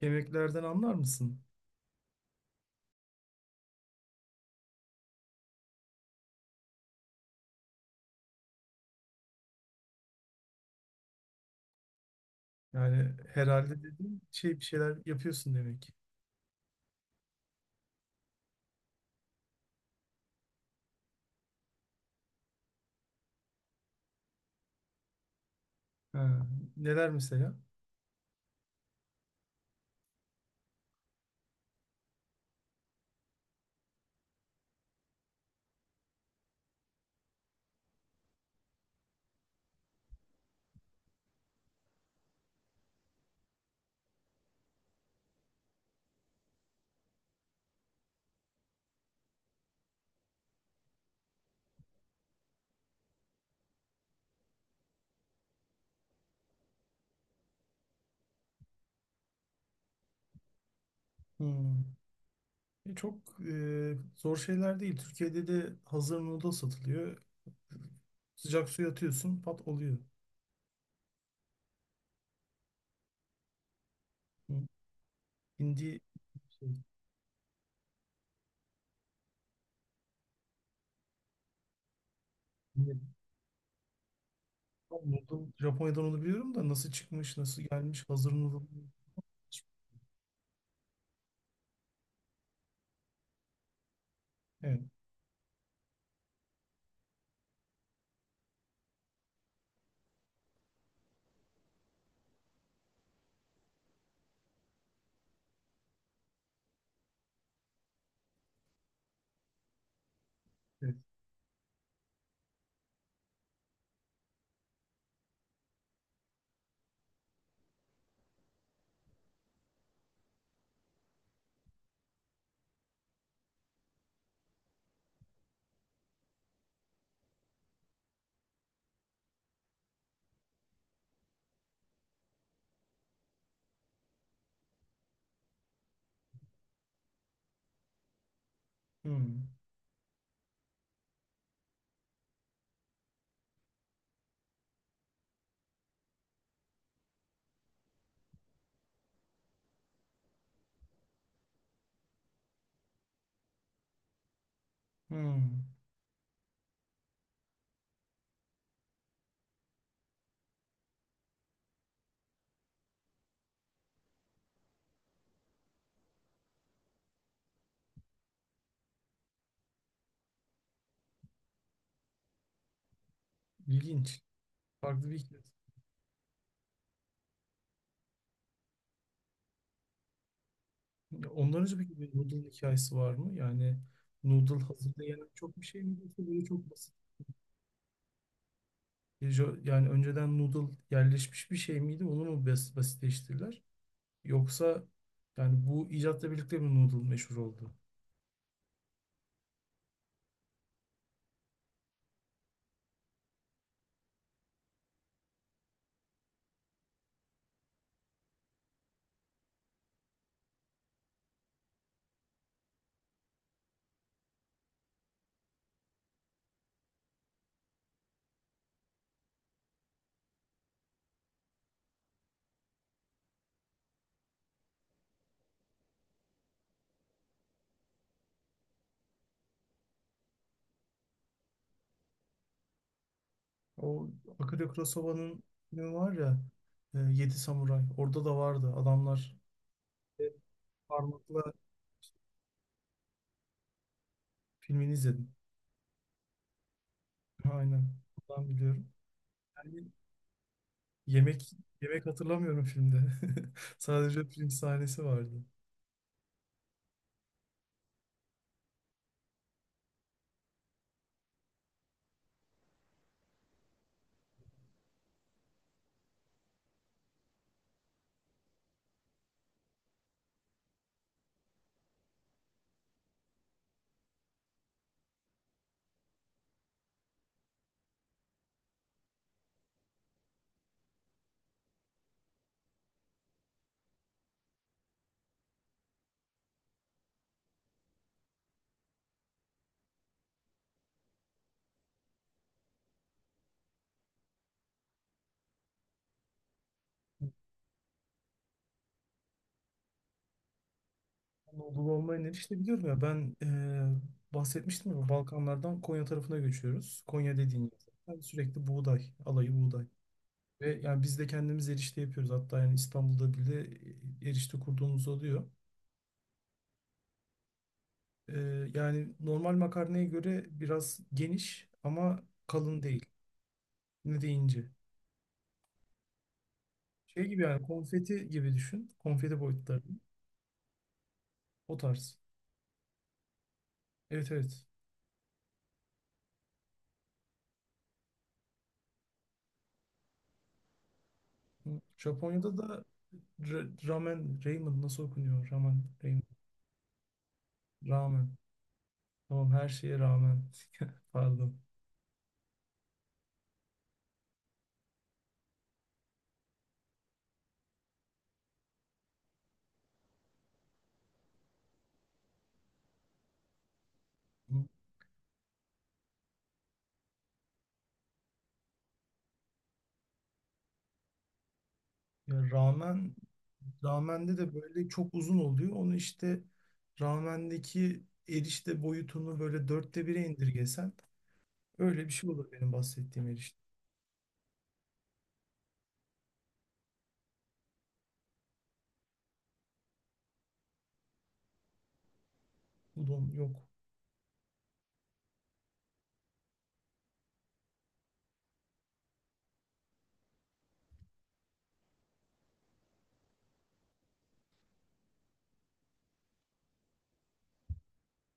Yemeklerden anlar mısın? Yani herhalde dediğin şey bir şeyler yapıyorsun demek. Ha, neler mesela? Hmm. Zor şeyler değil. Türkiye'de de hazır noodle satılıyor. Sıcak suya atıyorsun, pat oluyor. Hmm. Hindi şey, hindi- Noodle, Japonya'dan onu biliyorum da nasıl çıkmış, nasıl gelmiş, hazır noodle. Evet, evet. Hmm. Hmm. İlginç. Farklı bir hikaye. Ya ondan önce peki bir noodle hikayesi var mı? Yani noodle hazırda yenen çok bir şey mi yoksa böyle çok basit? Yani önceden noodle yerleşmiş bir şey miydi? Basitleştirdiler? Yoksa yani bu icatla birlikte mi noodle meşhur oldu? O Akira Kurosawa'nın filmi var ya, Yedi Samuray. Orada da vardı. Adamlar e, parmakla filmini izledim. Aynen. Oradan biliyorum. Yani yemek yemek hatırlamıyorum filmde. Sadece film sahnesi vardı. Anadolu olmayı ne işte biliyorum ya ben, bahsetmiştim ya, Balkanlardan Konya tarafına göçüyoruz. Konya dediğin yer zaten sürekli buğday, alayı buğday. Ve yani biz de kendimiz erişte yapıyoruz. Hatta yani İstanbul'da bile erişte kurduğumuz oluyor. E, yani normal makarnaya göre biraz geniş ama kalın değil. Ne de ince. Şey gibi yani, konfeti gibi düşün. Konfeti boyutları. O tarz. Evet, evet. Japonya'da da ramen, ramen nasıl okunuyor? Ramen, ramen. Rağmen. Tamam, her şeye rağmen. Pardon. Ya rağmen, ramen'de de böyle çok uzun oluyor. Onu işte, ramendeki erişte boyutunu böyle dörtte bire indirgesen, öyle bir şey olur benim bahsettiğim erişte. Udon yok.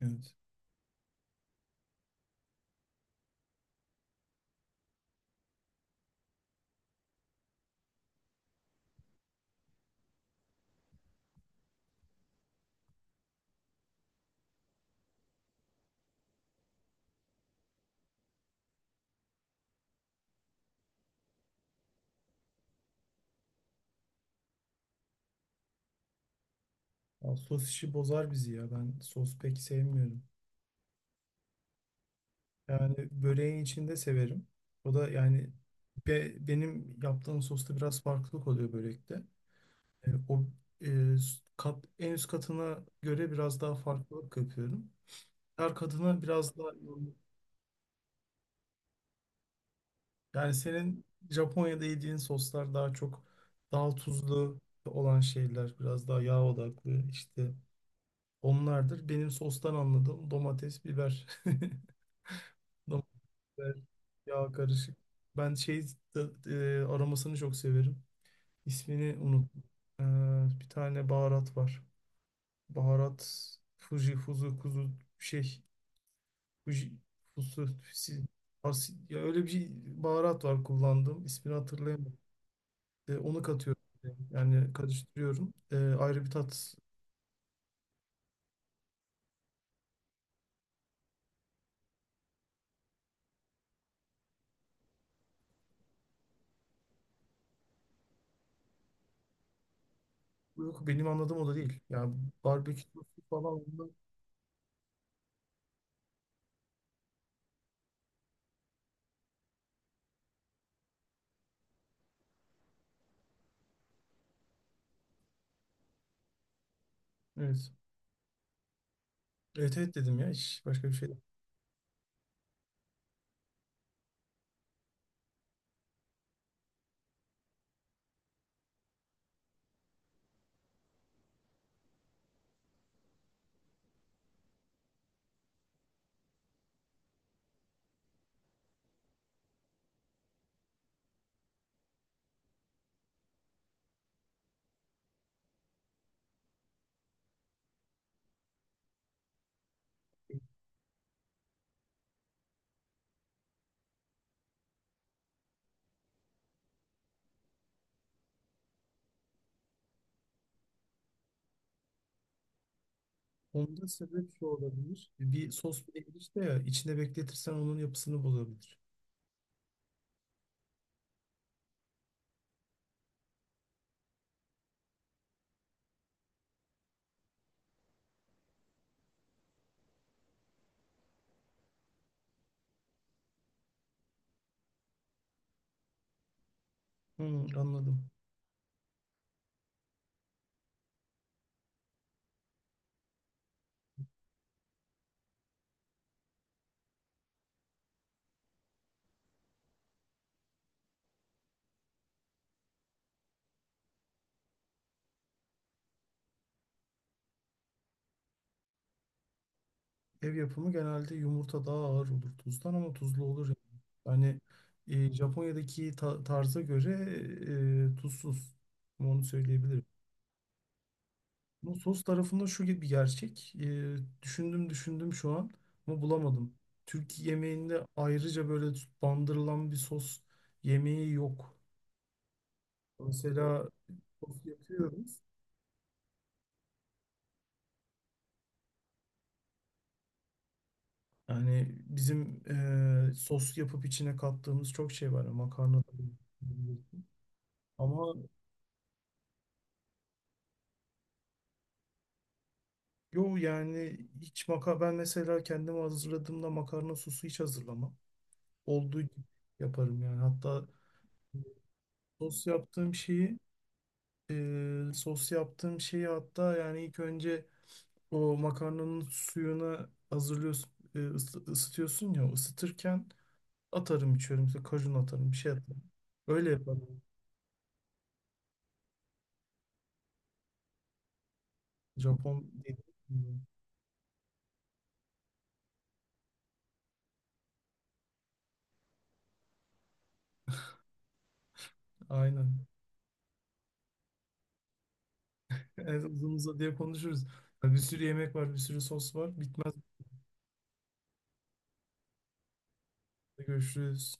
Evet. Ya sos işi bozar bizi ya. Ben sos pek sevmiyorum. Yani böreğin içinde severim. O da yani, benim yaptığım sosta biraz farklılık oluyor börekte. E, o e, kat, en üst katına göre biraz daha farklılık yapıyorum. Her katına biraz daha yani, senin Japonya'da yediğin soslar daha çok, daha tuzlu olan şeyler, biraz daha yağ odaklı işte, onlardır. Benim sostan anladığım domates, biber, domates, yağ karışık. Ben şey, aromasını çok severim. İsmini unut. Ee, bir tane baharat var. Baharat Fuji, Fuzu, Kuzu şey. Bu j- fusu- fusi- as- Ya öyle bir baharat var kullandığım, ismini hatırlayamadım. E, onu katıyorum. Yani karıştırıyorum. E, ayrı bir tat. Yok, benim anladığım o da değil. Yani barbekü sosu falan onda. Evet. Evet, evet dedim ya, hiç başka bir şey değil. Onda sebep şu olabilir. Bir sos bile girişte ya içine bekletirsen onun yapısını bozabilir. Hı, anladım. Ev yapımı genelde yumurta daha ağır olur tuzdan ama tuzlu olur. Yani, yani, Japonya'daki tarza göre, tuzsuz. Onu söyleyebilirim. Bu sos tarafında şu gibi bir gerçek. Düşündüm düşündüm şu an ama bulamadım. Türk yemeğinde ayrıca böyle bandırılan bir sos yemeği yok. Mesela sos yapıyoruz. Yani bizim, sos yapıp içine kattığımız çok şey var. Ama yo, yani hiç maka, ben mesela kendim hazırladığımda makarna sosu hiç hazırlamam. Olduğu gibi yaparım yani. Hatta sos yaptığım şeyi, sos yaptığım şeyi, hatta yani ilk önce o makarnanın suyunu hazırlıyorsun, ısıtıyorsun ya, ısıtırken atarım içiyorum. İşte kajun atarım, bir şey atarım. Öyle yaparım. Japon dediğim gibi. Aynen. Evet, uzun uzadıya konuşuruz. Bir sürü yemek var, bir sürü sos var. Bitmez. Görüşürüz.